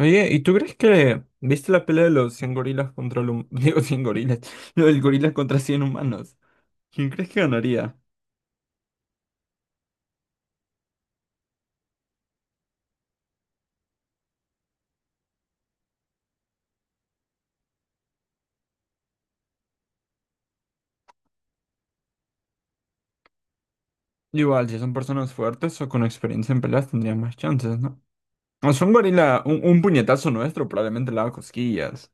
Oye, ¿y tú crees que viste la pelea de los 100 gorilas contra los... Digo, 100 gorilas. Lo del gorila contra 100 humanos. ¿Quién crees que ganaría? Igual, si son personas fuertes o con experiencia en peleas tendrían más chances, ¿no? O sea, un gorila, un puñetazo nuestro probablemente le haga cosquillas.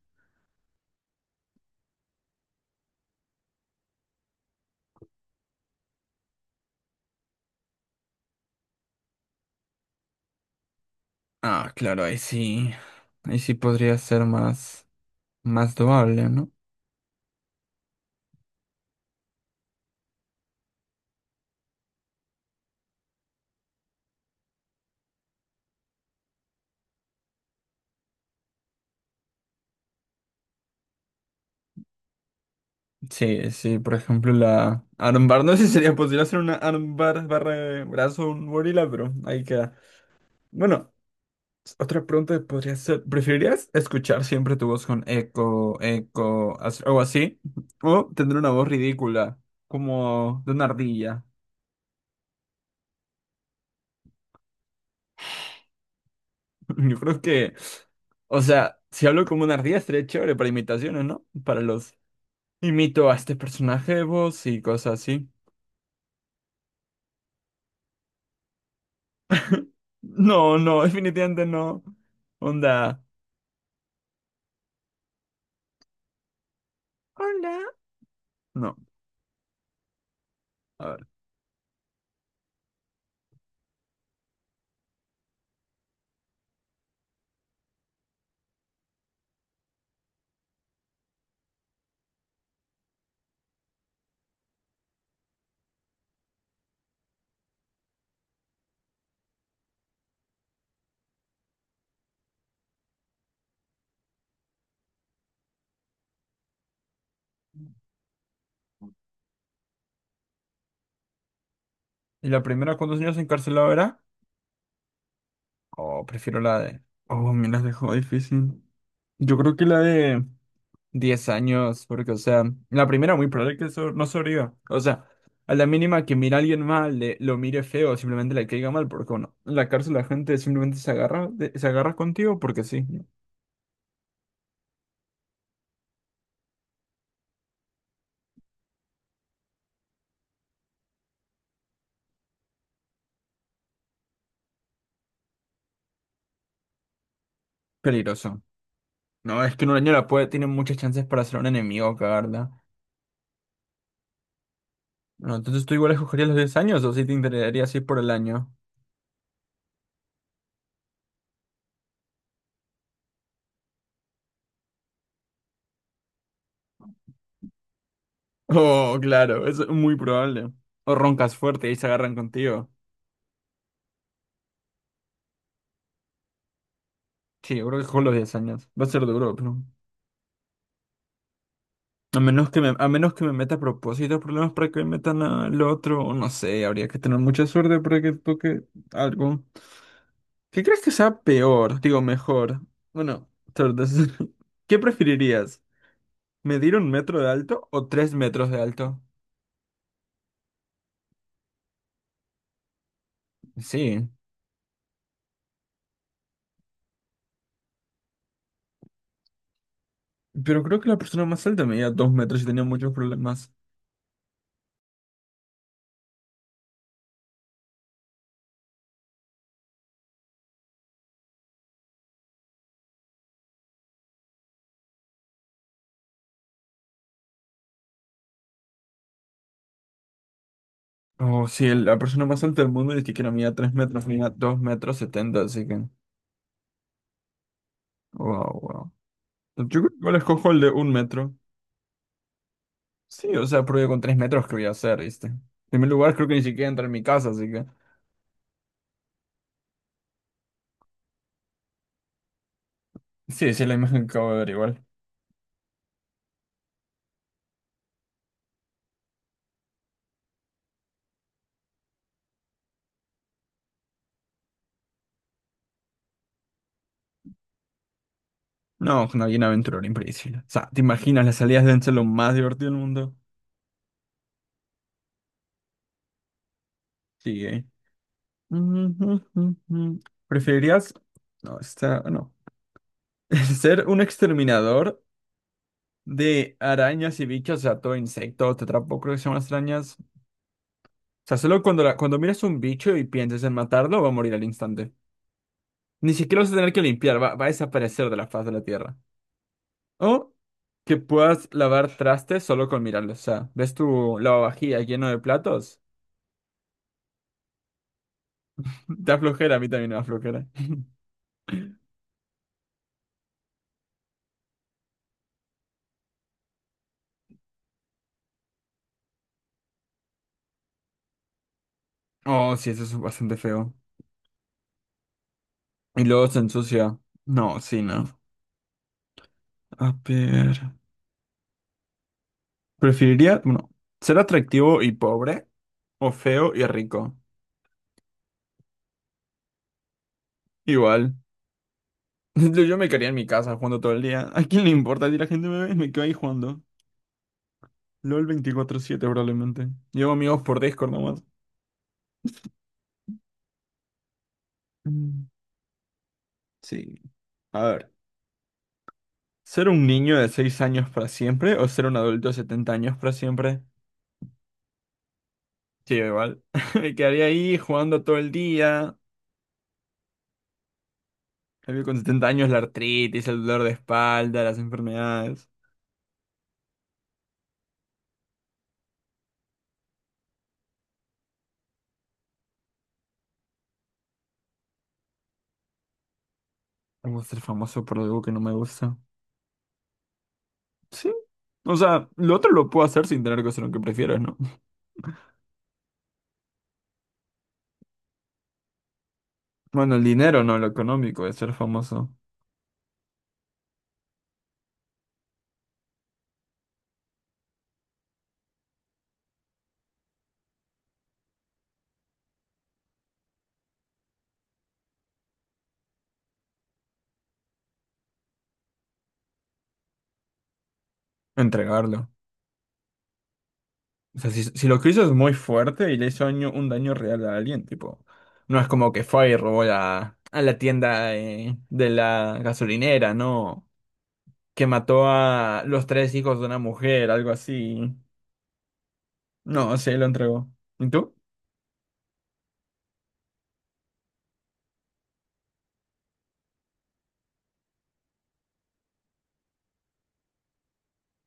Ah, claro, ahí sí. Ahí sí podría ser más... más doable, ¿no? Sí, sí, por ejemplo la armbar. No sé si sería posible hacer una armbar barra de brazo a un gorila, pero ahí queda. Bueno. Otra pregunta que podría ser, ¿preferirías escuchar siempre tu voz con eco, algo así? ¿O tener una voz ridícula, como de una ardilla? Yo creo que, o sea, si hablo como una ardilla estaría chévere para imitaciones, ¿no? Para los, imito a este personaje de voz y cosas así. No, no, definitivamente no. Onda, hola. No, a ver. ¿Y la primera cuántos años encarcelado era? Oh, prefiero la de. Oh, me las dejó difícil. Yo creo que la de 10 años, porque, o sea, la primera muy probable que no sobreviva. O sea, a la mínima que mira a alguien mal, lo mire feo, simplemente le caiga mal, porque, bueno, en la cárcel la gente simplemente se agarra, se agarra contigo porque sí. ¿No? Peligroso. No, es que en un año la puede, tiene muchas chances para ser un enemigo, cagarla. No, entonces tú igual escogerías los 10 años o si te interesaría así por el año. Oh, claro, es muy probable. O roncas fuerte y se agarran contigo. Sí, yo creo que con los 10 años. Va a ser duro, pero. A menos que me, a menos que me meta a propósito problemas para que me metan al otro, no sé, habría que tener mucha suerte para que toque algo. ¿Qué crees que sea peor? Digo, mejor. Bueno, suerte. ¿Qué preferirías? ¿Medir un metro de alto o 3 metros de alto? Sí. Pero creo que la persona más alta medía 2 metros y tenía muchos problemas. O sí, la persona más alta del mundo dice que no medía 3 metros, medía 2,70 metros, así que. Wow, wow. Yo creo que igual escojo el de un metro. Sí, o sea, porque con 3 metros que voy a hacer, ¿viste? En primer lugar, creo que ni siquiera entra en mi casa, así que... Sí, sí, la imagen que acabo de ver igual. No, una bien aventurera, impredecible. O sea, ¿te imaginas? Las salidas deben ser lo más divertido del mundo. Sí, ¿eh? Ujú, ujú. ¿Preferirías... No, está... No. ¿Ser un exterminador de arañas y bichos? O sea, todo insecto, tetrapo, creo que se llaman las arañas. O sea, solo cuando, cuando miras un bicho y piensas en matarlo, va a morir al instante. Ni siquiera vas a tener que limpiar, va a desaparecer de la faz de la tierra. O que puedas lavar trastes solo con mirarlos. O sea, ves tu lavavajilla lleno de platos. Te da flojera, a mí también me da flojera. Oh, sí, eso es bastante feo. Y luego se ensucia. No, sí, no. A ver. Preferiría, bueno, ser atractivo y pobre o feo y rico. Igual. Yo me quedaría en mi casa jugando todo el día. ¿A quién le importa si la gente me ve? Me quedo ahí jugando. LOL 24/7 probablemente. Llevo amigos por Discord nomás. Mm, sí. A ver, ¿ser un niño de 6 años para siempre o ser un adulto de 70 años para siempre? Sí, igual. Me quedaría ahí jugando todo el día. En cambio, con 70 años la artritis, el dolor de espalda, las enfermedades. Tengo ser famoso por algo que no me gusta. Sí. O sea, lo otro lo puedo hacer sin tener que hacer lo que prefieres, ¿no? Bueno, el dinero, no, lo económico, de ser famoso. Entregarlo. O sea, si lo que hizo es muy fuerte y le hizo un daño real a alguien, tipo, no es como que fue y robó a la tienda de la gasolinera, ¿no? Que mató a los tres hijos de una mujer, algo así. No, sí, lo entregó. ¿Y tú?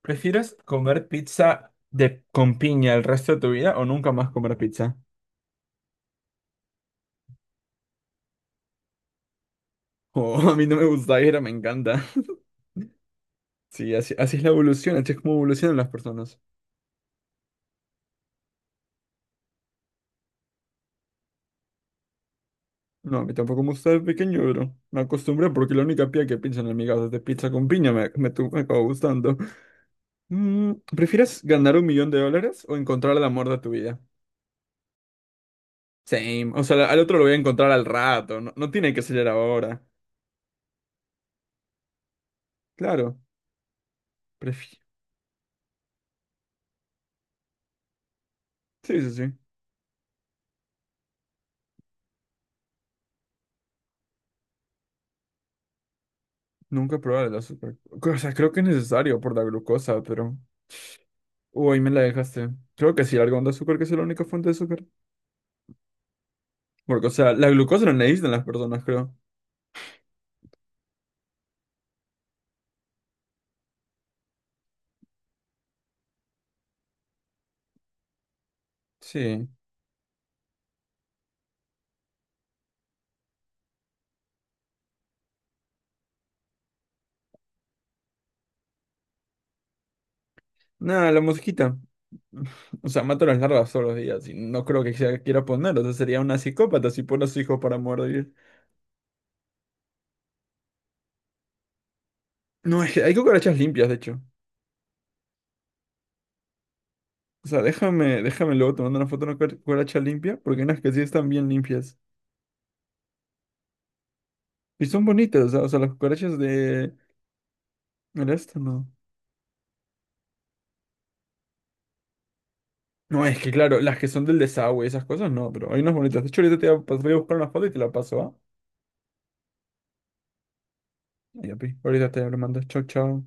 ¿Prefieres comer pizza de, con piña el resto de tu vida o nunca más comer pizza? Oh, a mí no me gusta, pero me encanta. Sí, así, así es la evolución, así es como evolucionan las personas. No, a mí tampoco me gusta de pequeño, pero me acostumbré porque la única pía que pienso en amigas de pizza con piña me acabó gustando. Mm, ¿prefieres ganar 1 millón de dólares o encontrar el amor de tu vida? Same. O sea, al otro lo voy a encontrar al rato. No, no tiene que ser ahora. Claro. prefi- Sí, sí, sí. Nunca probar el azúcar. O sea, creo que es necesario por la glucosa, pero... Uy, me la dejaste. Creo que sí, el algodón de azúcar que es la única fuente de azúcar. Porque, o sea, la glucosa la necesitan las personas, creo. Sí. Nada, la mosquita. O sea, mato las larvas todos los días y no creo que quiera poner. O sea, sería una psicópata si pone a su hijo para morir. No, es que hay cucarachas limpias, de hecho. O sea, déjame luego tomando una foto de una cucaracha limpia, porque hay unas que sí están bien limpias. Y son bonitas, o sea, las cucarachas de... El este, no. No, es que claro, las que son del desagüe y esas cosas, no, pero hay unas bonitas. De hecho, ahorita te voy a buscar una foto y te la paso, ¿ah? Ya, pi. Ahorita te lo mando. Chau, chau.